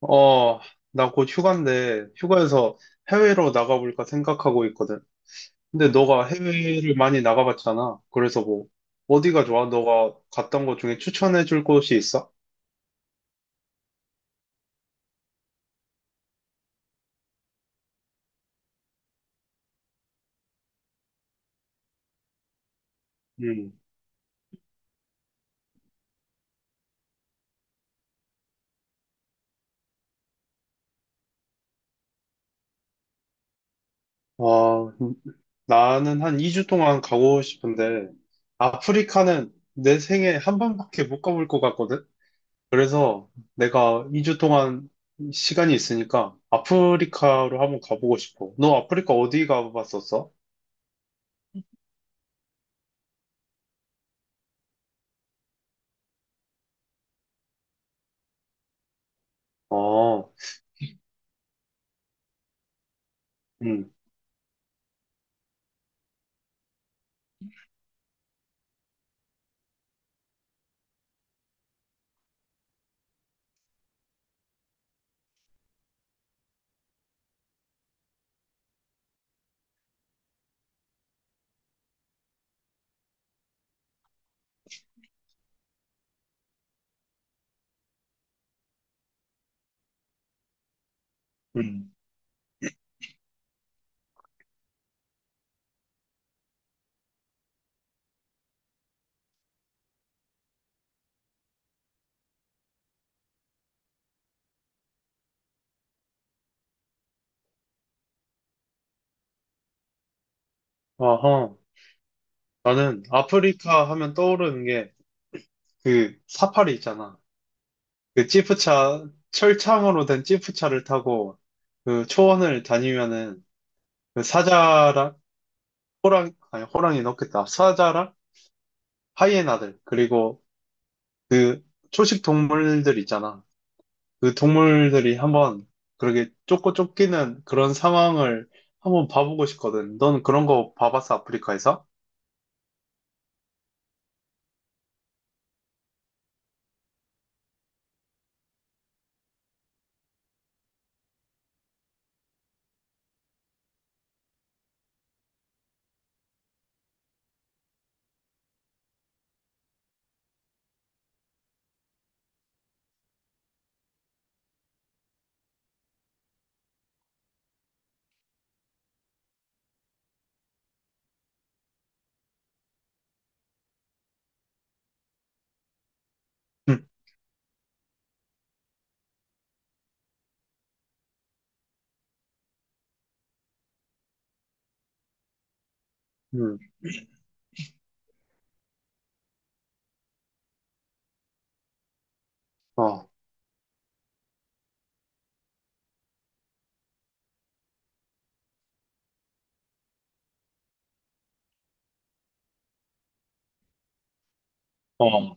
어, 나 곧 휴가인데, 휴가에서 해외로 나가볼까 생각하고 있거든. 근데 너가 해외를 많이 나가봤잖아. 그래서 뭐, 어디가 좋아? 너가 갔던 곳 중에 추천해줄 곳이 있어? 음. 어, 나는 한 2주 동안 가고 싶은데, 아프리카는 내 생에 한 번밖에 못 가볼 것 같거든? 그래서 내가 2주 동안 시간이 있으니까 아프리카로 한번 가보고 싶어. 너 아프리카 어디 가봤었어? 어, 음. 음. 어허. 나는 아프리카 하면 떠오르는 게 그 사파리 있잖아. 그 지프차, 철창으로 된 지프차를 타고 그 초원을 다니면은 그 사자랑 호랑, 아니 호랑이 넣겠다. 사자랑 하이에나들, 그리고 그 초식 동물들 있잖아. 그 동물들이 한번 그렇게 쫓고 쫓기는 그런 상황을 한번 봐보고 싶거든. 넌 그런 거 봐봤어, 아프리카에서? 응, 응, 어, 어.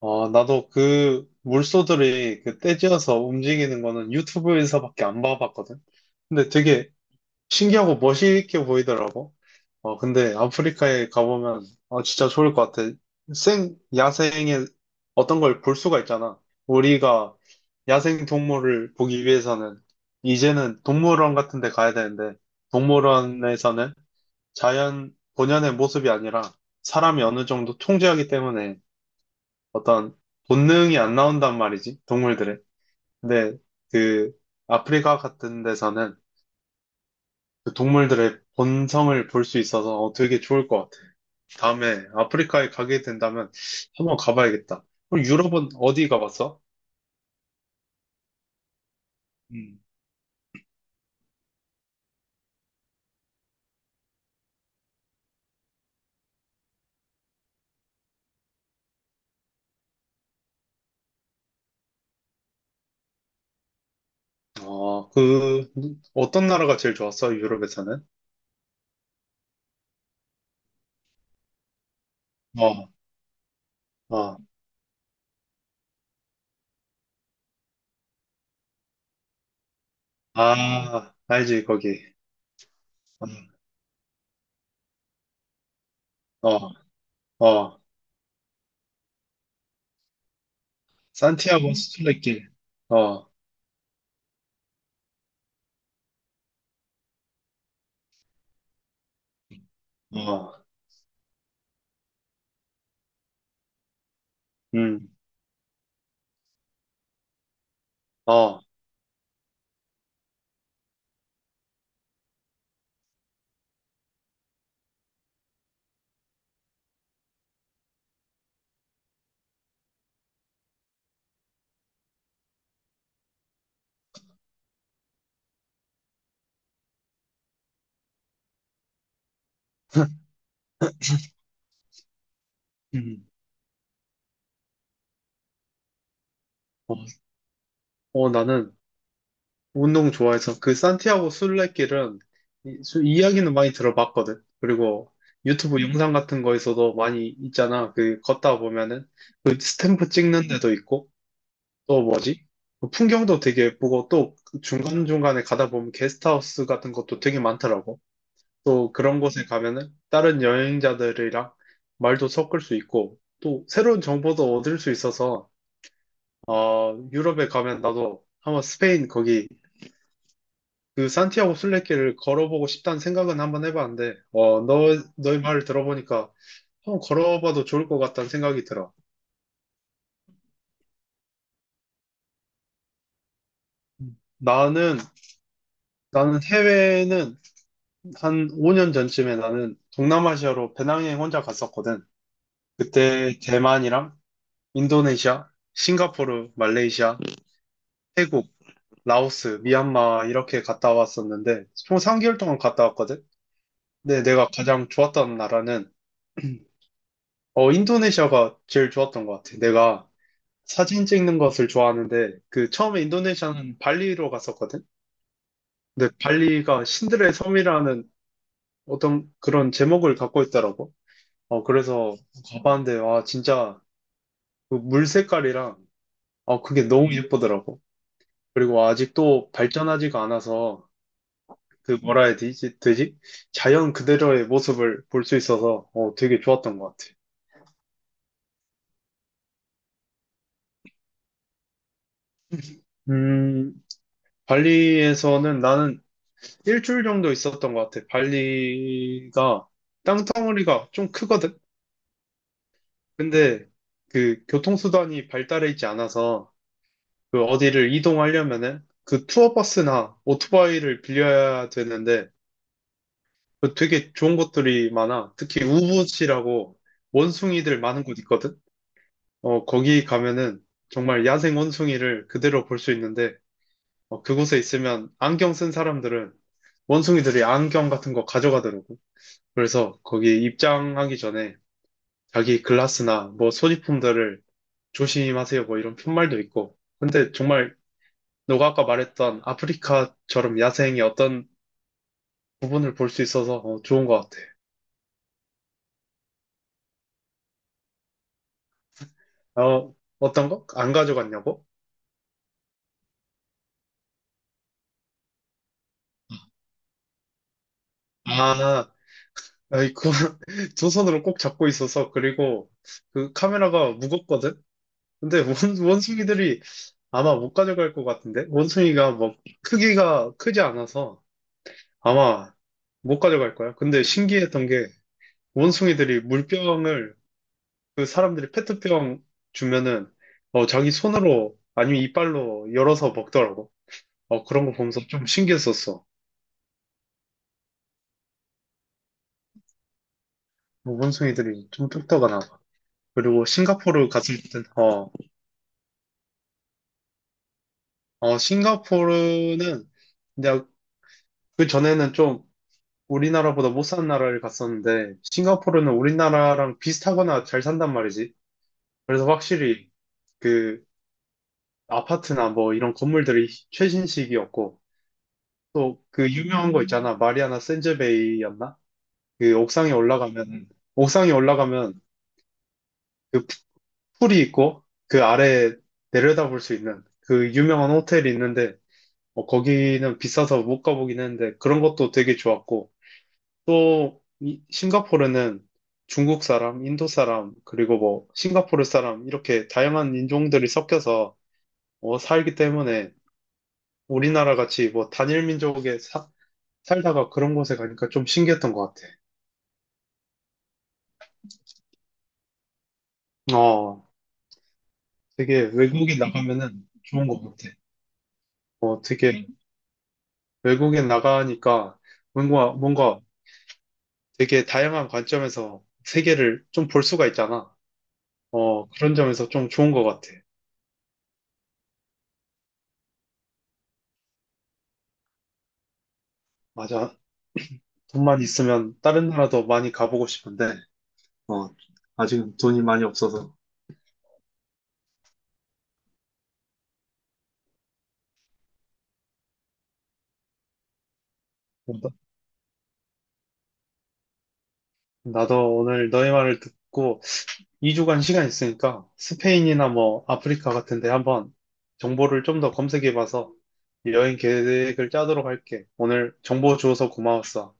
아, 나도 그 물소들이 그 떼지어서 움직이는 거는 유튜브에서밖에 안 봐봤거든. 근데 되게 신기하고 멋있게 보이더라고. 어, 근데 아프리카에 가보면 어, 진짜 좋을 것 같아. 야생의 어떤 걸 볼 수가 있잖아. 우리가 야생 동물을 보기 위해서는 이제는 동물원 같은 데 가야 되는데 동물원에서는 자연 본연의 모습이 아니라 사람이 어느 정도 통제하기 때문에 어떤 본능이 안 나온단 말이지, 동물들의. 근데 그 아프리카 같은 데서는 그 동물들의 본성을 볼 수 있어서 어, 되게 좋을 것 같아. 다음에 아프리카에 가게 된다면 한번 가봐야겠다. 그럼 유럽은 어디 가봤어? 음. 어, 그, 어떤 나라가 제일 좋았어, 유럽에서는? 어, 어, 아, 알지, 거기. 음. 어, 어, 산티아고 수출레길 어, 어, 음, 어, 음. 어, 어, 나는 운동 좋아해서 그 산티아고 순례길은 이야기는 많이 들어봤거든. 그리고 유튜브 영상 같은 거에서도 많이 있잖아. 그 걷다 보면은 그 스탬프 찍는 데도 있고 또 뭐지? 그 풍경도 되게 예쁘고 또 중간중간에 가다 보면 게스트하우스 같은 것도 되게 많더라고. 또 그런 곳에 가면은 다른 여행자들이랑 말도 섞을 수 있고 또 새로운 정보도 얻을 수 있어서 어, 유럽에 가면 나도 한번 스페인 거기 그 산티아고 순례길을 걸어보고 싶다는 생각은 한번 해봤는데, 어, 너의 말을 들어보니까 한번 걸어봐도 좋을 것 같다는 생각이 들어. 나는, 나는 해외는 한 5년 전쯤에 나는 동남아시아로 배낭여행 혼자 갔었거든. 그때 대만이랑 인도네시아, 싱가포르, 말레이시아, 태국, 라오스, 미얀마 이렇게 갔다 왔었는데, 총 3개월 동안 갔다 왔거든. 근데 내가 가장 좋았던 나라는, 어, 인도네시아가 제일 좋았던 것 같아. 내가 사진 찍는 것을 좋아하는데 그 처음에 인도네시아는 발리로 갔었거든. 근데 발리가 신들의 섬이라는 어떤 그런 제목을 갖고 있더라고. 어, 그래서 가봤는데 와, 진짜 그물 색깔이랑 어, 그게 너무 예쁘더라고. 그리고 아직도 발전하지가 않아서 그 뭐라 해야 되지? 자연 그대로의 모습을 볼 수 있어서 어, 되게 좋았던 것 같아. 음 발리에서는 나는 일주일 정도 있었던 것 같아. 발리가 땅덩어리가 좀 크거든. 근데 그 교통수단이 발달해 있지 않아서 그 어디를 이동하려면은 그 투어버스나 오토바이를 빌려야 되는데 그 되게 좋은 곳들이 많아. 특히 우붓이라고 원숭이들 많은 곳 있거든. 어, 거기 가면은 정말 야생 원숭이를 그대로 볼 수 있는데 어, 그곳에 있으면 안경 쓴 사람들은 원숭이들이 안경 같은 거 가져가더라고. 그래서 거기 입장하기 전에 자기 글라스나 뭐 소지품들을 조심하세요 뭐 이런 푯말도 있고 근데 정말 너가 아까 말했던 아프리카처럼 야생의 어떤 부분을 볼 수 있어서 어, 좋은 것 같아. 어, 어떤 거? 안 가져갔냐고? 아, 아이, 그거 두 손으로 꼭 잡고 있어서 그리고 그 카메라가 무겁거든? 근데 원숭이들이 아마 못 가져갈 것 같은데? 원숭이가 뭐 크기가 크지 않아서 아마 못 가져갈 거야. 근데 신기했던 게 원숭이들이 물병을 그 사람들이 페트병 주면은 어, 자기 손으로 아니면 이빨로 열어서 먹더라고. 어, 그런 거 보면서 좀 신기했었어. 어, 원숭이들이 좀 똑똑하나 봐. 그리고 싱가포르 갔을 땐, 어, 어, 싱가포르는 내가 그 전에는 좀 우리나라보다 못 사는 나라를 갔었는데 싱가포르는 우리나라랑 비슷하거나 잘 산단 말이지. 그래서 확실히 그 아파트나 뭐 이런 건물들이 최신식이었고 또 그 유명한 거 있잖아. 마리아나 샌즈베이였나? 그 옥상에 올라가면 그 풀이 있고 그 아래 내려다볼 수 있는 그 유명한 호텔이 있는데 어, 거기는 비싸서 못 가보긴 했는데 그런 것도 되게 좋았고 또 싱가포르는 중국 사람, 인도 사람, 그리고 뭐 싱가포르 사람 이렇게 다양한 인종들이 섞여서 어, 살기 때문에 우리나라 같이 뭐 단일 민족에 살다가 그런 곳에 가니까 좀 신기했던 것 같아. 어, 되게 외국에 나가면은 좋은 것 같아. 어, 되게 외국에 나가니까 뭔가 되게 다양한 관점에서 세계를 좀 볼 수가 있잖아. 어, 그런 점에서 좀 좋은 것 같아. 맞아. 돈만 있으면 다른 나라도 많이 가보고 싶은데, 어, 아직은 돈이 많이 없어서. 나도 오늘 너의 말을 듣고 2주간 시간 있으니까 스페인이나 뭐 아프리카 같은데 한번 정보를 좀 더 검색해봐서 여행 계획을 짜도록 할게. 오늘 정보 주어서 고마웠어.